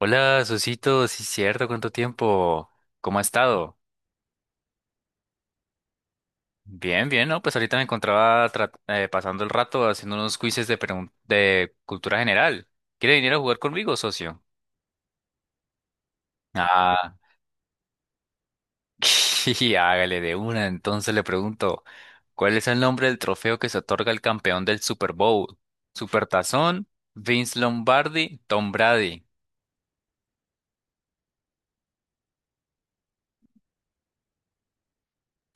Hola, Susito, sí, cierto, ¿cuánto tiempo? ¿Cómo ha estado? Bien, bien, ¿no? Pues ahorita me encontraba pasando el rato haciendo unos quizzes de, de cultura general. ¿Quiere venir a jugar conmigo, socio? Ah, y hágale de una. Entonces le pregunto, ¿cuál es el nombre del trofeo que se otorga al campeón del Super Bowl? ¿Supertazón, Vince Lombardi, Tom Brady?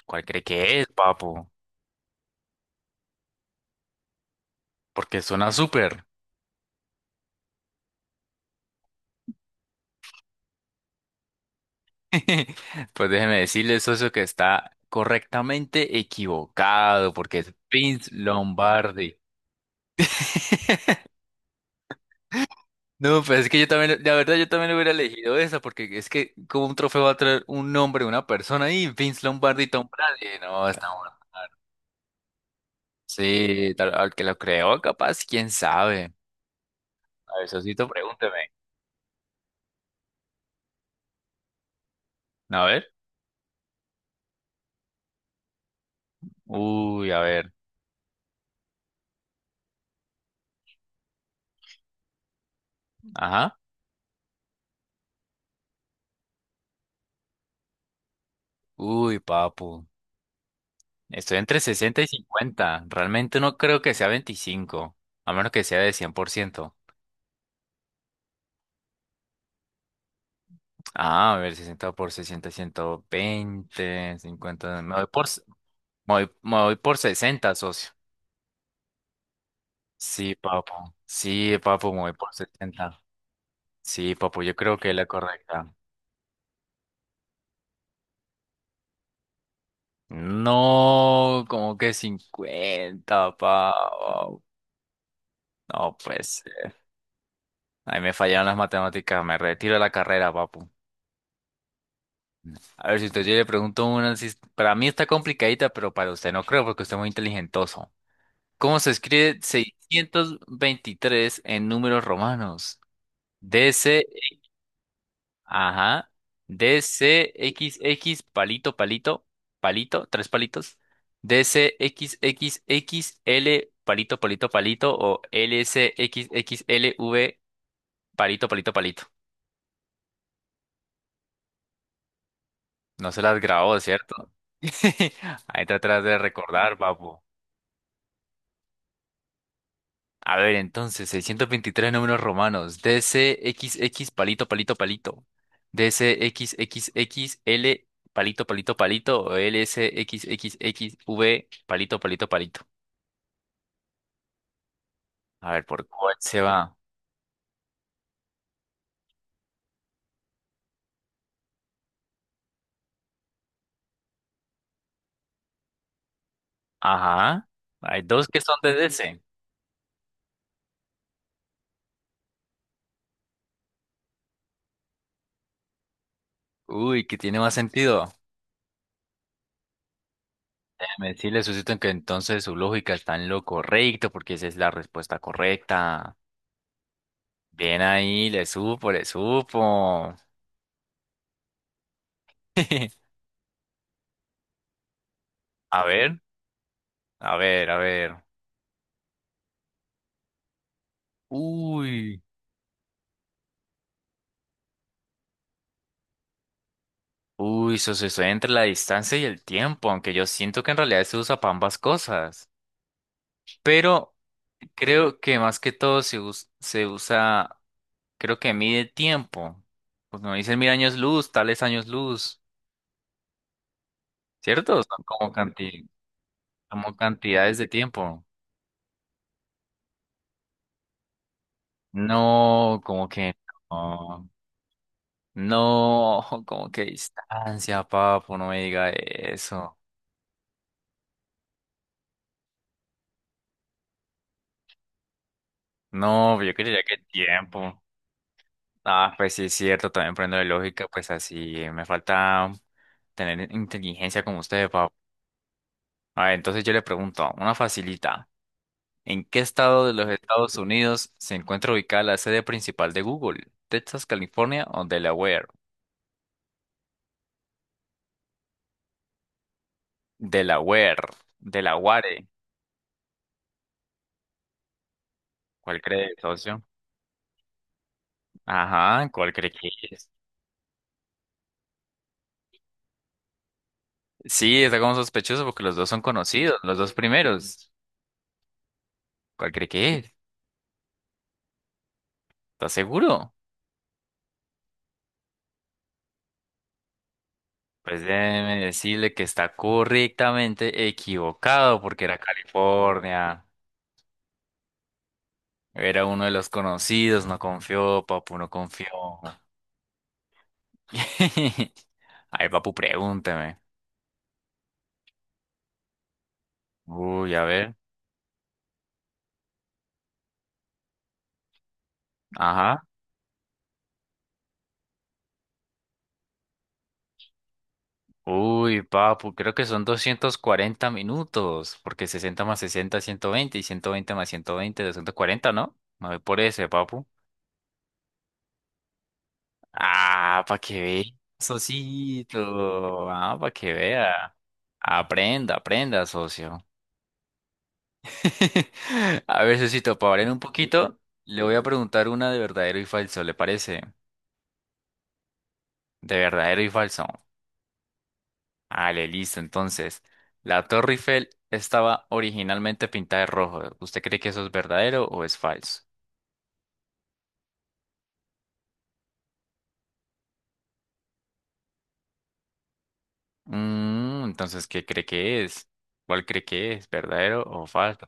¿Cuál cree que es, papo? Porque suena súper. Pues déjeme decirle, socio, que está correctamente equivocado, porque es Vince Lombardi. No, pues es que yo también, la verdad, yo también hubiera elegido esa, porque es que como un trofeo va a traer un nombre, una persona ahí, Vince Lombardi, y Tom Brady. No, está bueno. Sí, tal, al que lo creó, capaz, quién sabe. A ver, socito, pregúnteme. A ver. Uy, a ver. Ajá. Uy, papu. Estoy entre sesenta y 50. Realmente no creo que sea veinticinco, a menos que sea de 100%. Ah, a ver, 60 por 60, veinte, cincuenta, me voy por 60, socio. Sí, papo. Sí, papo, me voy por 60. Sí, papo, yo creo que es la correcta. No, como que 50, papo. No, pues. Ahí me fallaron las matemáticas. Me retiro de la carrera, papo. A ver, si usted yo le pregunto una, si para mí está complicadita, pero para usted no creo, porque usted es muy inteligentoso. ¿Cómo se escribe 623 en números romanos? DC, ajá, DCXX, palito, palito, palito, tres palitos, DCXXXL, palito, palito, palito, o LCXXLV, palito, palito, palito. No se las grabó, ¿cierto? Ahí está atrás de recordar, papu. A ver, entonces, 623 números romanos. DCXX palito, palito, palito. DCXXXL palito, palito, palito. O LSXXXV palito, palito, palito. A ver, ¿por cuál se va? Ajá. Hay dos que son de DC. Uy, que tiene más sentido. Déjame decirle, Susito, que entonces su lógica está en lo correcto, porque esa es la respuesta correcta. Bien ahí, le supo, le supo. A ver, a ver, a ver. Uy, uy, eso se sucede entre la distancia y el tiempo, aunque yo siento que en realidad se usa para ambas cosas. Pero creo que más que todo se usa, creo que mide tiempo. Pues no dicen mil años luz, tales años luz, ¿cierto? Son como como cantidades de tiempo. No, como que no, no, como que distancia, papo, no me diga eso. No, yo quería que tiempo. Ah, pues sí, es cierto, también prendo de lógica, pues así me falta tener inteligencia como ustedes, papá. A ver, entonces yo le pregunto, una facilita, ¿en qué estado de los Estados Unidos se encuentra ubicada la sede principal de Google? ¿Texas, California o Delaware? Delaware, Delaware, ¿cuál cree, socio? Ajá, ¿cuál cree que es? Sí, está como sospechoso porque los dos son conocidos, los dos primeros. ¿Cuál cree que es? ¿Estás seguro? Pues déjeme decirle que está correctamente equivocado porque era California. Era uno de los conocidos, no confió, papu, no confió. Ay, papu, pregúnteme. Uy, a ver. Ajá. Uy, papu, creo que son 240 minutos, porque 60 más 60 es veinte y 120 más 120 es cuarenta, ¿no? Me voy por ese, papu. Ah, para que vea, socito. Ah, para que vea. Aprenda, aprenda, socio. A ver, socito, para variar un poquito, le voy a preguntar una de verdadero y falso, ¿le parece? De verdadero y falso. Vale, listo. Entonces, la Torre Eiffel estaba originalmente pintada de rojo. ¿Usted cree que eso es verdadero o es falso? Entonces, ¿qué cree que es? ¿Cuál cree que es? ¿Verdadero o falso?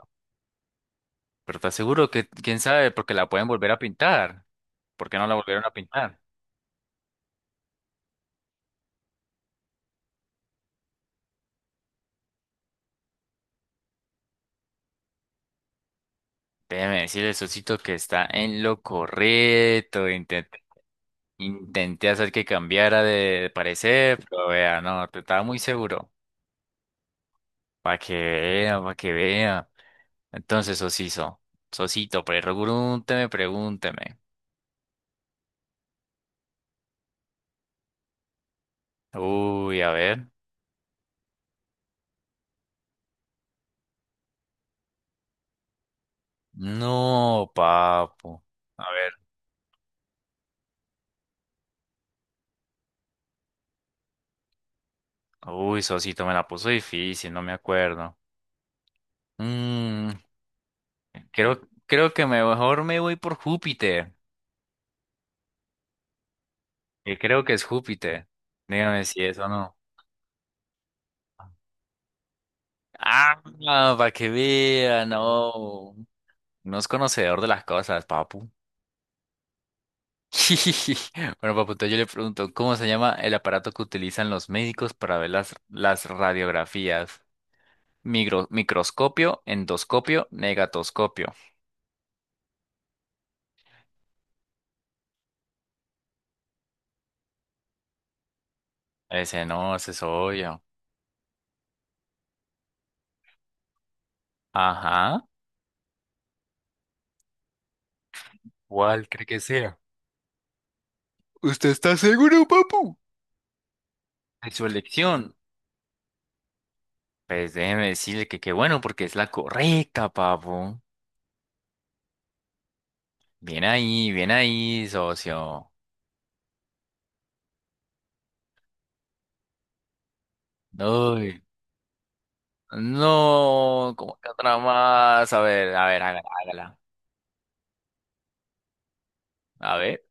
Pero está seguro que, quién sabe, porque la pueden volver a pintar. ¿Por qué no la volvieron a pintar? Déjeme decirle, Sosito, que está en lo correcto. Intenté hacer que cambiara de parecer, pero vea, no, te estaba muy seguro. Para que vea, para que vea. Entonces, Sosito, Sosito, pregúnteme, pregúnteme. Uy, a ver. No, papo. A ver. Uy, Sosito, me la puso difícil, no me acuerdo. Mm, creo, creo que mejor me voy por Júpiter. Creo que es Júpiter. Dígame si es o no. Ah, no, para que vea, no. No es conocedor de las cosas, papu. Bueno, papu, entonces yo le pregunto, ¿cómo se llama el aparato que utilizan los médicos para ver las radiografías? Microscopio, endoscopio, negatoscopio. Ese no, ese es obvio. Ajá. ¿Cuál cree que sea? ¿Usted está seguro, papu? De su elección. Pues déjeme decirle que qué bueno, porque es la correcta, papu. Bien ahí, socio. Uy, no, ¿cómo que otra más? A ver, hágala, hágala. A ver,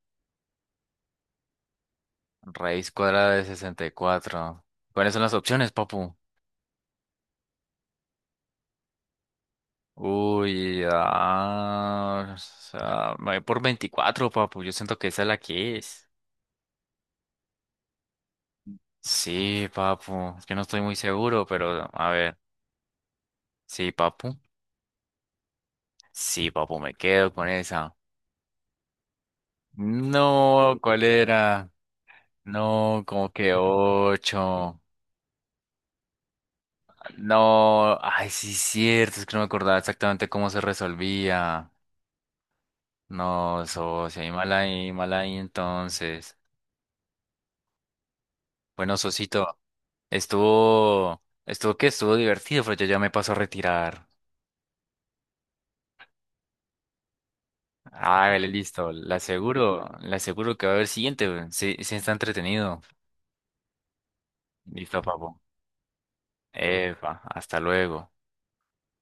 raíz cuadrada de 64. ¿Cuáles son las opciones, papu? Uy, ah, o sea, me voy por 24, papu. Yo siento que esa es la que es. Sí, papu. Es que no estoy muy seguro, pero a ver. Sí, papu. Sí, papu, me quedo con esa. No, ¿cuál era? No, como que ocho. No, ay, sí, cierto, es que no me acordaba exactamente cómo se resolvía. No, socio, y mal ahí entonces. Bueno, socito, estuvo, estuvo que estuvo divertido, pero yo ya me paso a retirar. Ah, vale, listo, le aseguro que va a haber siguiente, sí, sí está entretenido. Listo, papo. Epa, hasta luego.